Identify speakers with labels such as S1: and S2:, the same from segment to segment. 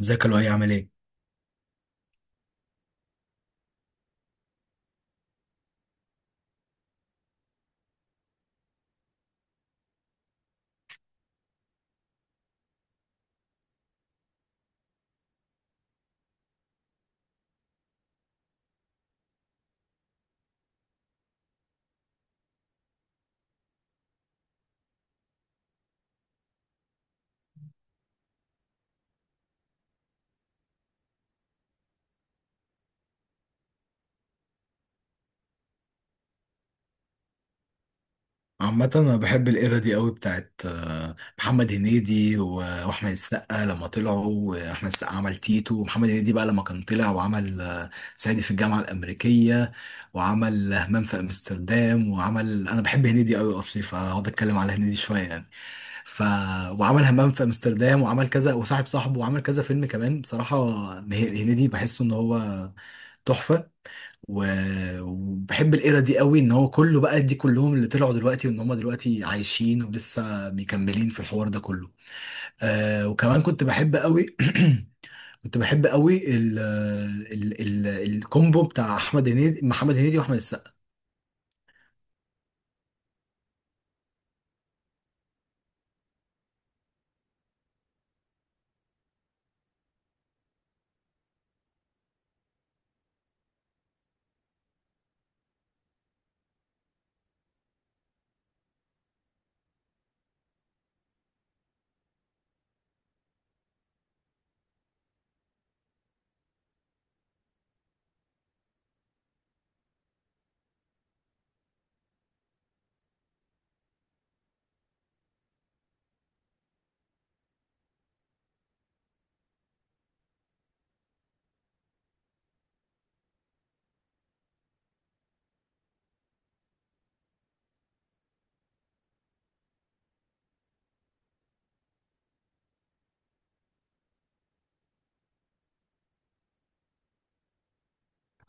S1: ازيك يا لؤي عامل ايه؟ عامة انا بحب الايرا دي قوي بتاعت محمد هنيدي و- واحمد السقا لما طلعوا، واحمد السقا عمل تيتو، ومحمد هنيدي بقى لما كان طلع وعمل صعيدي في الجامعة الأمريكية، وعمل همام في امستردام، وعمل انا بحب هنيدي قوي اصلي فهقعد اتكلم على هنيدي شوية يعني ف وعمل همام في امستردام وعمل كذا، وصاحب صاحبه وعمل كذا فيلم كمان. بصراحة هنيدي بحسه ان هو تحفة. و- وبحب الايرا دي قوي ان هو كله بقى، دي كلهم اللي طلعوا دلوقتي وان هم دلوقتي عايشين ولسه مكملين في الحوار ده كله. آه، وكمان كنت بحب قوي كنت بحب قوي ال الكومبو بتاع احمد هنيدي، محمد هنيدي واحمد السقا.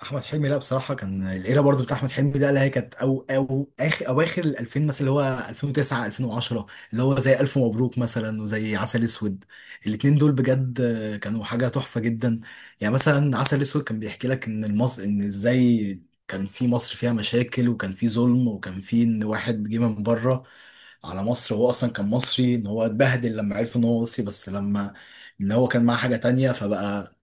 S1: احمد حلمي، لا بصراحه كان الايرا برضو بتاع احمد حلمي ده اللي هي كانت او اخر اواخر ال 2000 مثلا، اللي هو 2009، 2010، اللي هو زي الف مبروك مثلا وزي عسل اسود. الاتنين دول بجد كانوا حاجه تحفه جدا. يعني مثلا عسل اسود كان بيحكي لك ان المصر، ان ازاي كان في مصر فيها مشاكل، وكان في ظلم، وكان في ان واحد جه من بره على مصر، هو اصلا كان مصري، ان هو اتبهدل لما عرفوا ان هو مصري، بس لما ان هو كان معاه حاجة تانية فبقى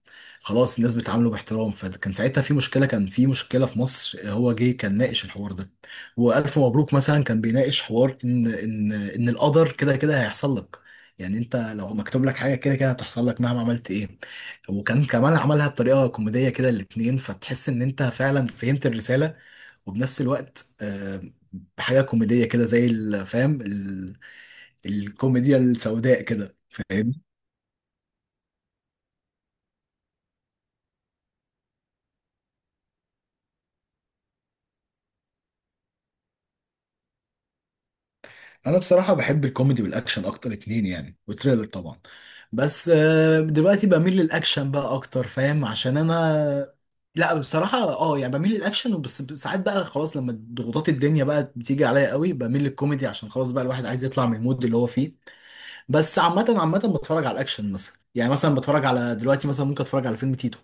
S1: خلاص الناس بتعامله باحترام، فكان ساعتها في مشكلة، كان في مشكلة في مصر، هو جه كان ناقش الحوار ده. وألف مبروك مثلا كان بيناقش حوار ان ان القدر كده كده هيحصل لك، يعني انت لو مكتوب لك حاجة كده كده هتحصل لك مهما عملت ايه. وكان كمان عملها بطريقة كوميدية كده الاتنين، فتحس ان انت فعلا فهمت الرسالة، وبنفس الوقت بحاجة كوميدية كده زي الفهم، الكوميديا السوداء كده، فاهم. انا بصراحه بحب الكوميدي والاكشن اكتر اتنين يعني، وتريلر طبعا. بس دلوقتي بميل للاكشن بقى اكتر، فاهم، عشان انا لا بصراحه اه يعني بميل للاكشن، بس ساعات بقى خلاص لما ضغوطات الدنيا بقى بتيجي عليا قوي بميل للكوميدي، عشان خلاص بقى الواحد عايز يطلع من المود اللي هو فيه. بس عامة عامة بتفرج على الأكشن مثلا، يعني مثلا بتفرج على دلوقتي مثلا ممكن أتفرج على فيلم تيتو.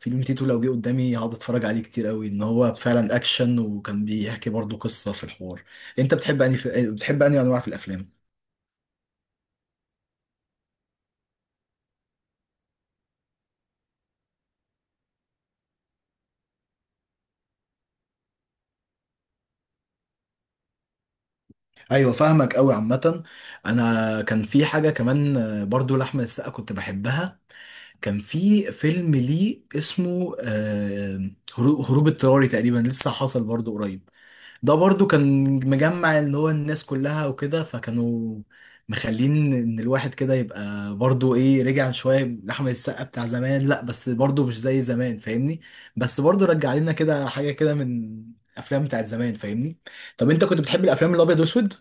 S1: فيلم تيتو لو جه قدامي هقعد أتفرج عليه كتير قوي، إن هو فعلا أكشن وكان بيحكي برضه قصة في الحوار. أنت بتحب أني في بتحب أني أنواع في الأفلام؟ أيوة، فاهمك قوي. عامة أنا كان في حاجة كمان برضه لأحمد السقا كنت بحبها، كان في فيلم ليه اسمه هروب اضطراري تقريبا، لسه حصل برضه قريب. ده برضو كان مجمع اللي هو الناس كلها وكده، فكانوا مخلين ان الواحد كده يبقى برضو ايه، رجع شوية لأحمد السقا بتاع زمان، لا بس برضو مش زي زمان، فاهمني؟ بس برضو رجع لنا كده حاجة كده من افلام بتاعت زمان، فاهمني؟ طب انت كنت بتحب الافلام الابيض واسود؟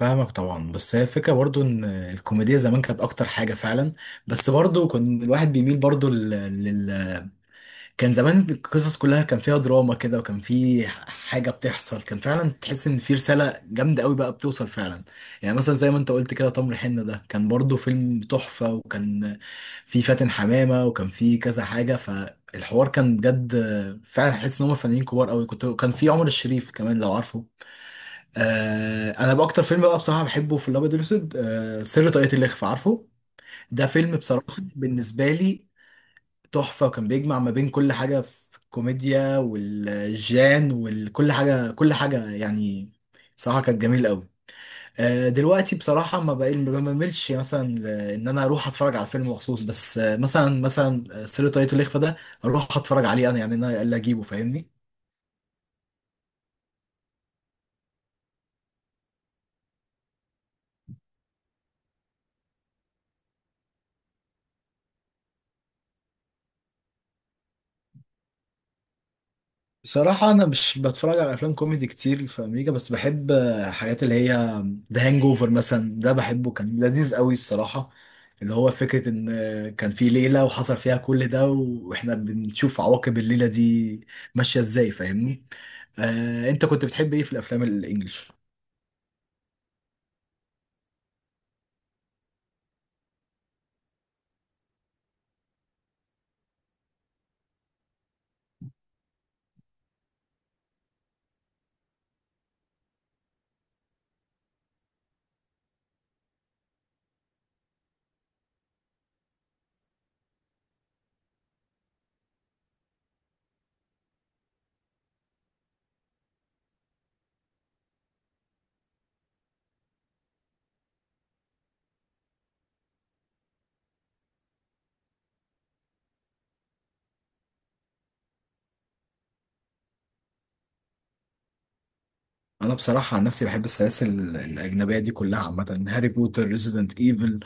S1: فاهمك طبعا، بس هي الفكرة برضو ان الكوميديا زمان كانت اكتر حاجة فعلا، بس برضو كان الواحد بيميل برضو لل... كان زمان القصص كلها كان فيها دراما كده، وكان في حاجة بتحصل، كان فعلا تحس ان في رسالة جامدة قوي بقى بتوصل فعلا. يعني مثلا زي ما انت قلت كده، تمر حنة ده كان برضو فيلم تحفة، وكان في فاتن حمامة، وكان في كذا حاجة، فالحوار كان بجد فعلا، حس ان هم فنانين كبار قوي، كنت كان في عمر الشريف كمان لو عارفه. آه، انا بقى اكتر فيلم بقى بصراحة بحبه في الابيض والاسود آه سر طاقية الإخفاء، عارفه؟ ده فيلم بصراحة بالنسبة لي تحفة، وكان بيجمع ما بين كل حاجة، في الكوميديا والجان وكل حاجة، كل حاجة يعني. بصراحة كانت جميلة قوي. دلوقتي بصراحة ما بقى ما بملش مثلا إن أنا أروح أتفرج على فيلم مخصوص، بس مثلا سر طاقية الإخفاء ده أروح أتفرج عليه أنا، يعني أنا اللي أجيبه، فاهمني؟ بصراحة أنا مش بتفرج على أفلام كوميدي كتير في أمريكا، بس بحب حاجات اللي هي ذا هانج أوفر مثلا، ده بحبه كان لذيذ قوي بصراحة، اللي هو فكرة إن كان في ليلة وحصل فيها كل ده، وإحنا بنشوف عواقب الليلة دي ماشية إزاي، فاهمني؟ أنت كنت بتحب إيه في الأفلام الإنجليش؟ انا بصراحه عن نفسي بحب السلاسل الاجنبيه دي كلها عامه، هاري بوتر، ريزيدنت ايفل،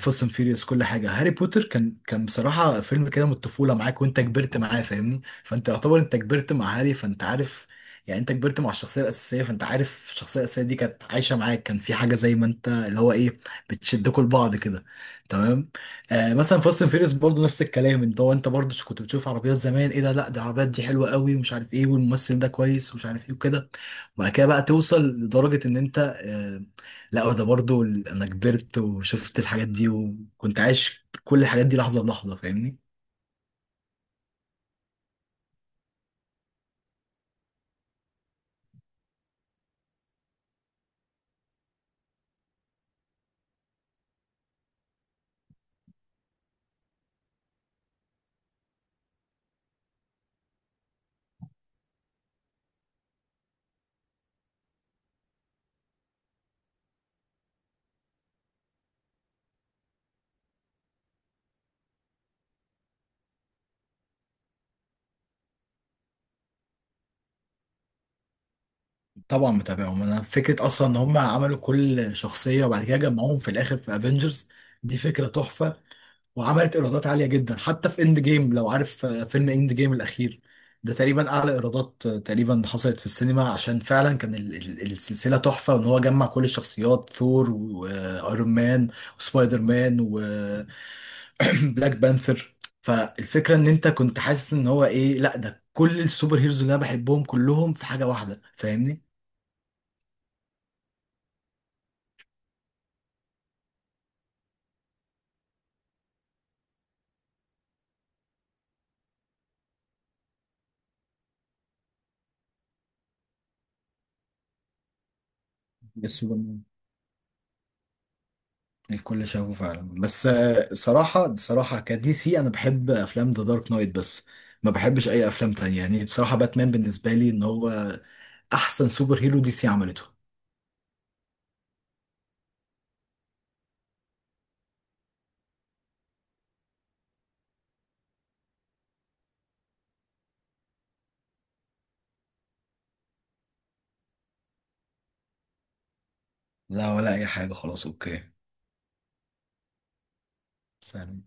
S1: فاست اند فيريوس، كل حاجه. هاري بوتر كان بصراحه فيلم كده من الطفوله معاك، وانت كبرت معاه، فاهمني؟ فانت يعتبر انت كبرت مع هاري، فانت عارف يعني انت كبرت مع الشخصيه الاساسيه، فانت عارف الشخصيه الاساسيه دي كانت عايشه معاك، كان في حاجه زي ما انت اللي هو ايه، بتشدكوا لبعض كده، تمام. آه مثلا فاست اند فيريوس برضه نفس الكلام، انت هو انت برضه كنت بتشوف عربيات زمان، ايه ده، لا ده العربيات دي حلوه قوي، ومش عارف ايه، والممثل ده كويس، ومش عارف ايه وكده. بعد كده بقى توصل لدرجة إن أنت لا ده برضو أنا كبرت وشفت الحاجات دي، وكنت عايش كل الحاجات دي لحظة بلحظة، فاهمني؟ طبعا متابعهم. أنا فكرة أصلا إن هم عملوا كل شخصية وبعد كده جمعوهم في الآخر في أفينجرز، دي فكرة تحفة، وعملت إيرادات عالية جدا حتى في إند جيم، لو عارف فيلم إند جيم الأخير ده تقريبا أعلى إيرادات تقريبا حصلت في السينما، عشان فعلا كان السلسلة تحفة، وإن هو جمع كل الشخصيات، ثور، وأيرون مان، وسبايدر مان، بلاك بانثر. فالفكره ان انت كنت حاسس ان هو ايه، لا ده كل السوبر هيروز اللي انا بحبهم كلهم في حاجه واحده، فاهمني؟ ده سوبرمان الكل شافه فعلا، بس صراحه بصراحه كدي سي انا بحب افلام ذا دارك نايت بس، ما بحبش اي افلام تانية، يعني بصراحه باتمان بالنسبه لي ان هو احسن سوبر هيرو دي سي عملته. لا ولا اي حاجه، خلاص، اوكي. سلام.